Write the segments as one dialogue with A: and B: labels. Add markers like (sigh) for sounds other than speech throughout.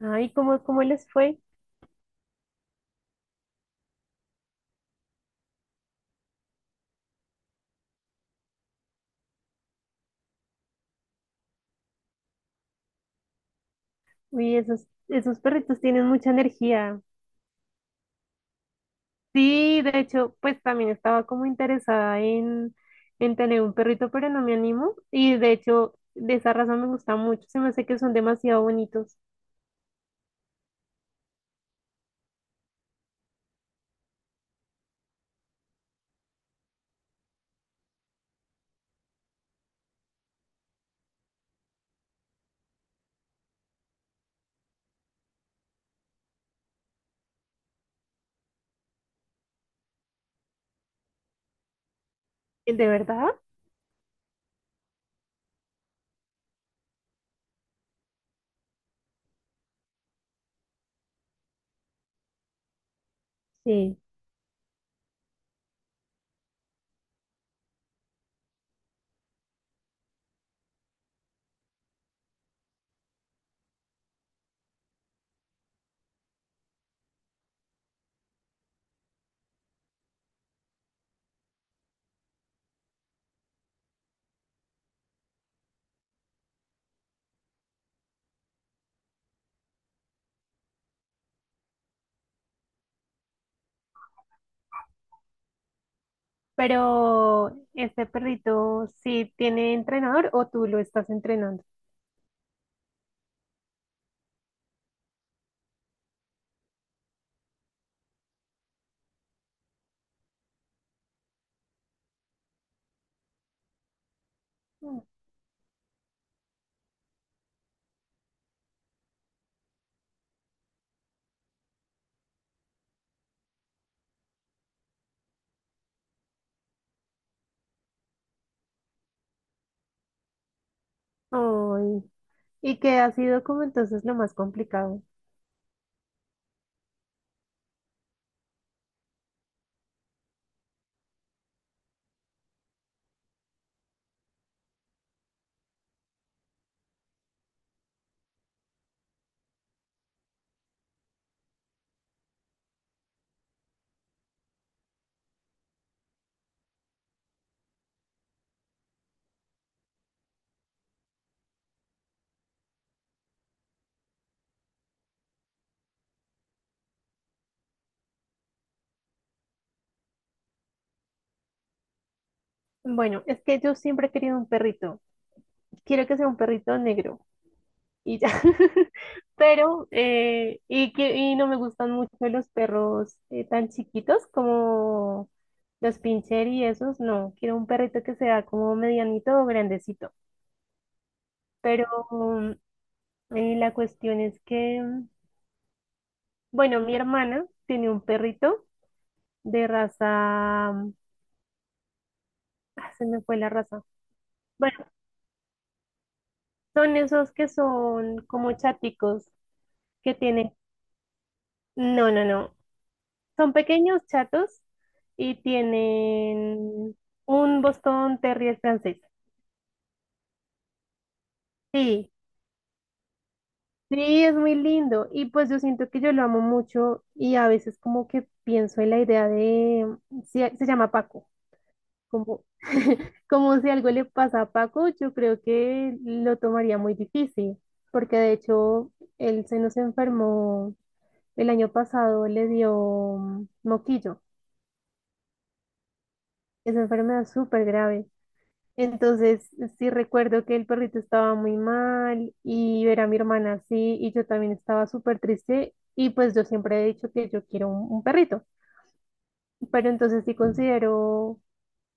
A: Ay, ¿cómo les fue? Uy, esos perritos tienen mucha energía. Sí, de hecho, pues también estaba como interesada en tener un perrito, pero no me animo. Y de hecho, de esa razón me gusta mucho. Se me hace que son demasiado bonitos. ¿De verdad? Sí. Pero, ¿este perrito sí tiene entrenador o tú lo estás entrenando? Mm. Ay, ¿y qué ha sido como entonces lo más complicado? Bueno, es que yo siempre he querido un perrito. Quiero que sea un perrito negro y ya. (laughs) Pero, y que no me gustan mucho los perros tan chiquitos como los pincher y esos, no. Quiero un perrito que sea como medianito o grandecito. Pero mm, la cuestión es que, bueno, mi hermana tiene un perrito de raza, se me fue la raza. Bueno, son esos que son como chaticos que tienen, no, no, no. Son pequeños, chatos y tienen un Boston Terrier francés. Sí, sí, es muy lindo y pues yo siento que yo lo amo mucho y a veces como que pienso en la idea se, se llama Paco, como, (laughs) como si algo le pasa a Paco, yo creo que lo tomaría muy difícil, porque de hecho él se nos enfermó el año pasado, le dio moquillo, esa enfermedad súper grave. Entonces, sí recuerdo que el perrito estaba muy mal y ver a mi hermana así y yo también estaba súper triste y pues yo siempre he dicho que yo quiero un perrito, pero entonces sí considero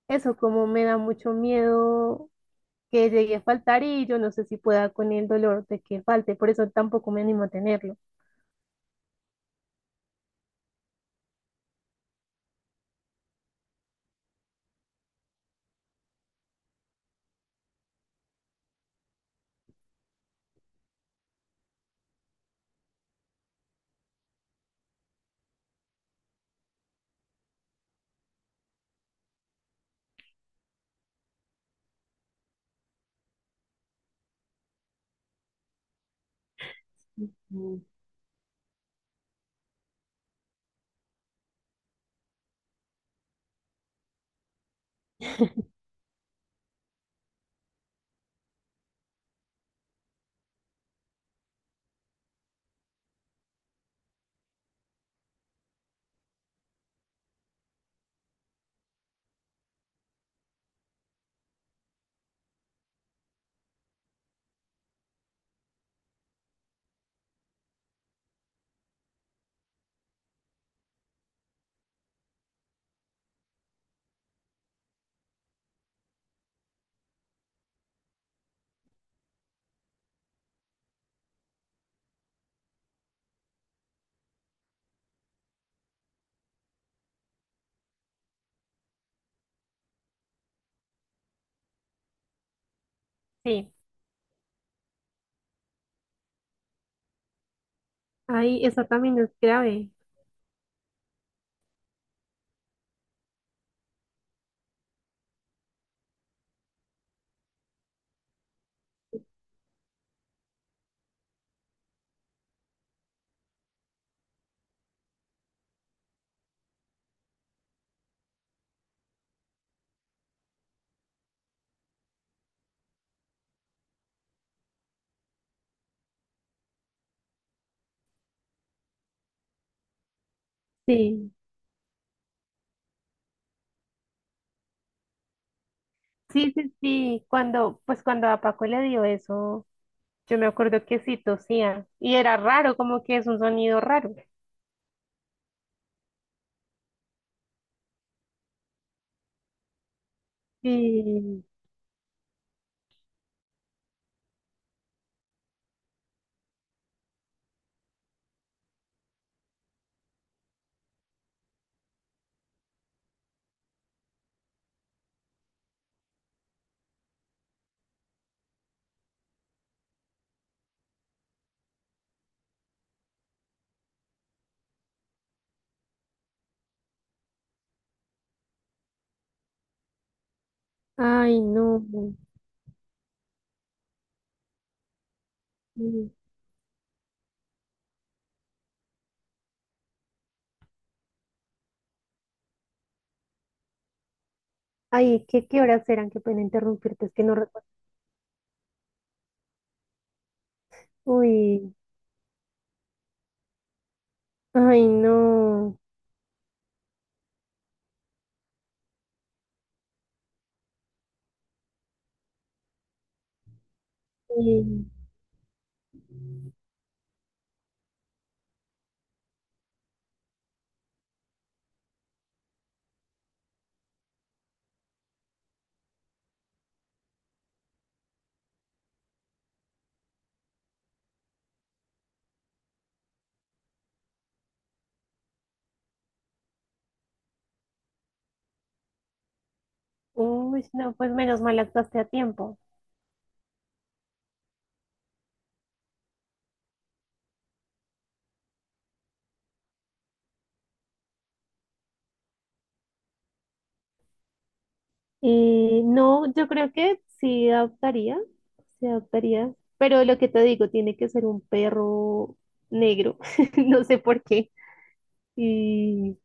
A: eso, como me da mucho miedo que llegue a faltar y yo no sé si pueda con el dolor de que falte, por eso tampoco me animo a tenerlo. Mm. Sí, ahí eso también es grave. Sí, sí, sí, sí, cuando pues cuando a Paco le dio eso. Yo me acuerdo que sí tosía y era raro, como que es un sonido raro. Sí. Ay, no. Sí. Ay, ¿qué horas eran? Qué pena interrumpirte, es que no recuerdo. Uy, ay, no. Sí. Uy, no, pues menos mal actuaste a tiempo. No, yo creo que sí adoptaría, pero lo que te digo, tiene que ser un perro negro, (laughs) no sé por qué. Y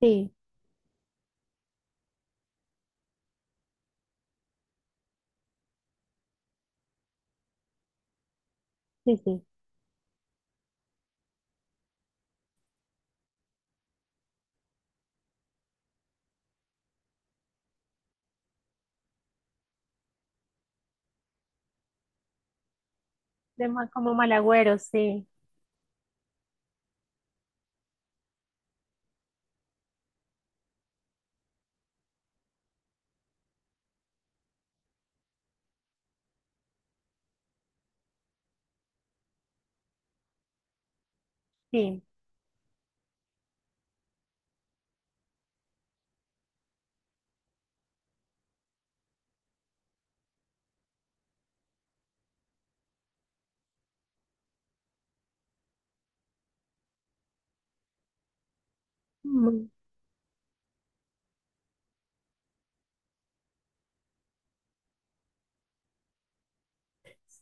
A: sí, sí, sí. De ma- como mal agüero, sí. Sí. Mm.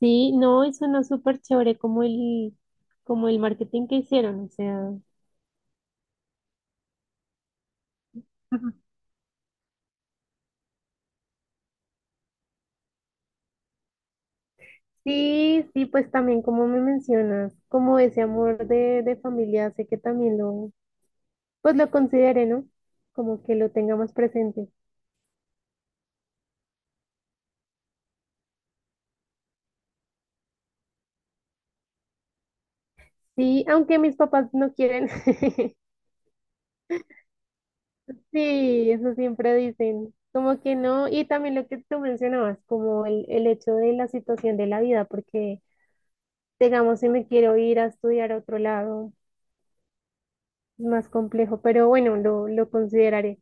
A: Sí, no, y suena súper chévere como como el marketing que hicieron, o sea, ujú. Sí, sí, pues también como me mencionas, como ese amor de familia, sé que también lo, pues lo considere, ¿no? Como que lo tenga más presente. Sí, aunque mis papás no quieren. (laughs) Sí, eso siempre dicen, como que no, y también lo que tú mencionabas, como el hecho de la situación de la vida, porque digamos, si me quiero ir a estudiar a otro lado, es más complejo, pero bueno, lo consideraré.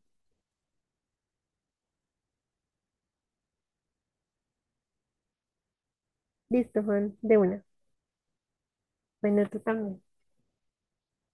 A: Listo, Juan, de una. Bueno, tú también.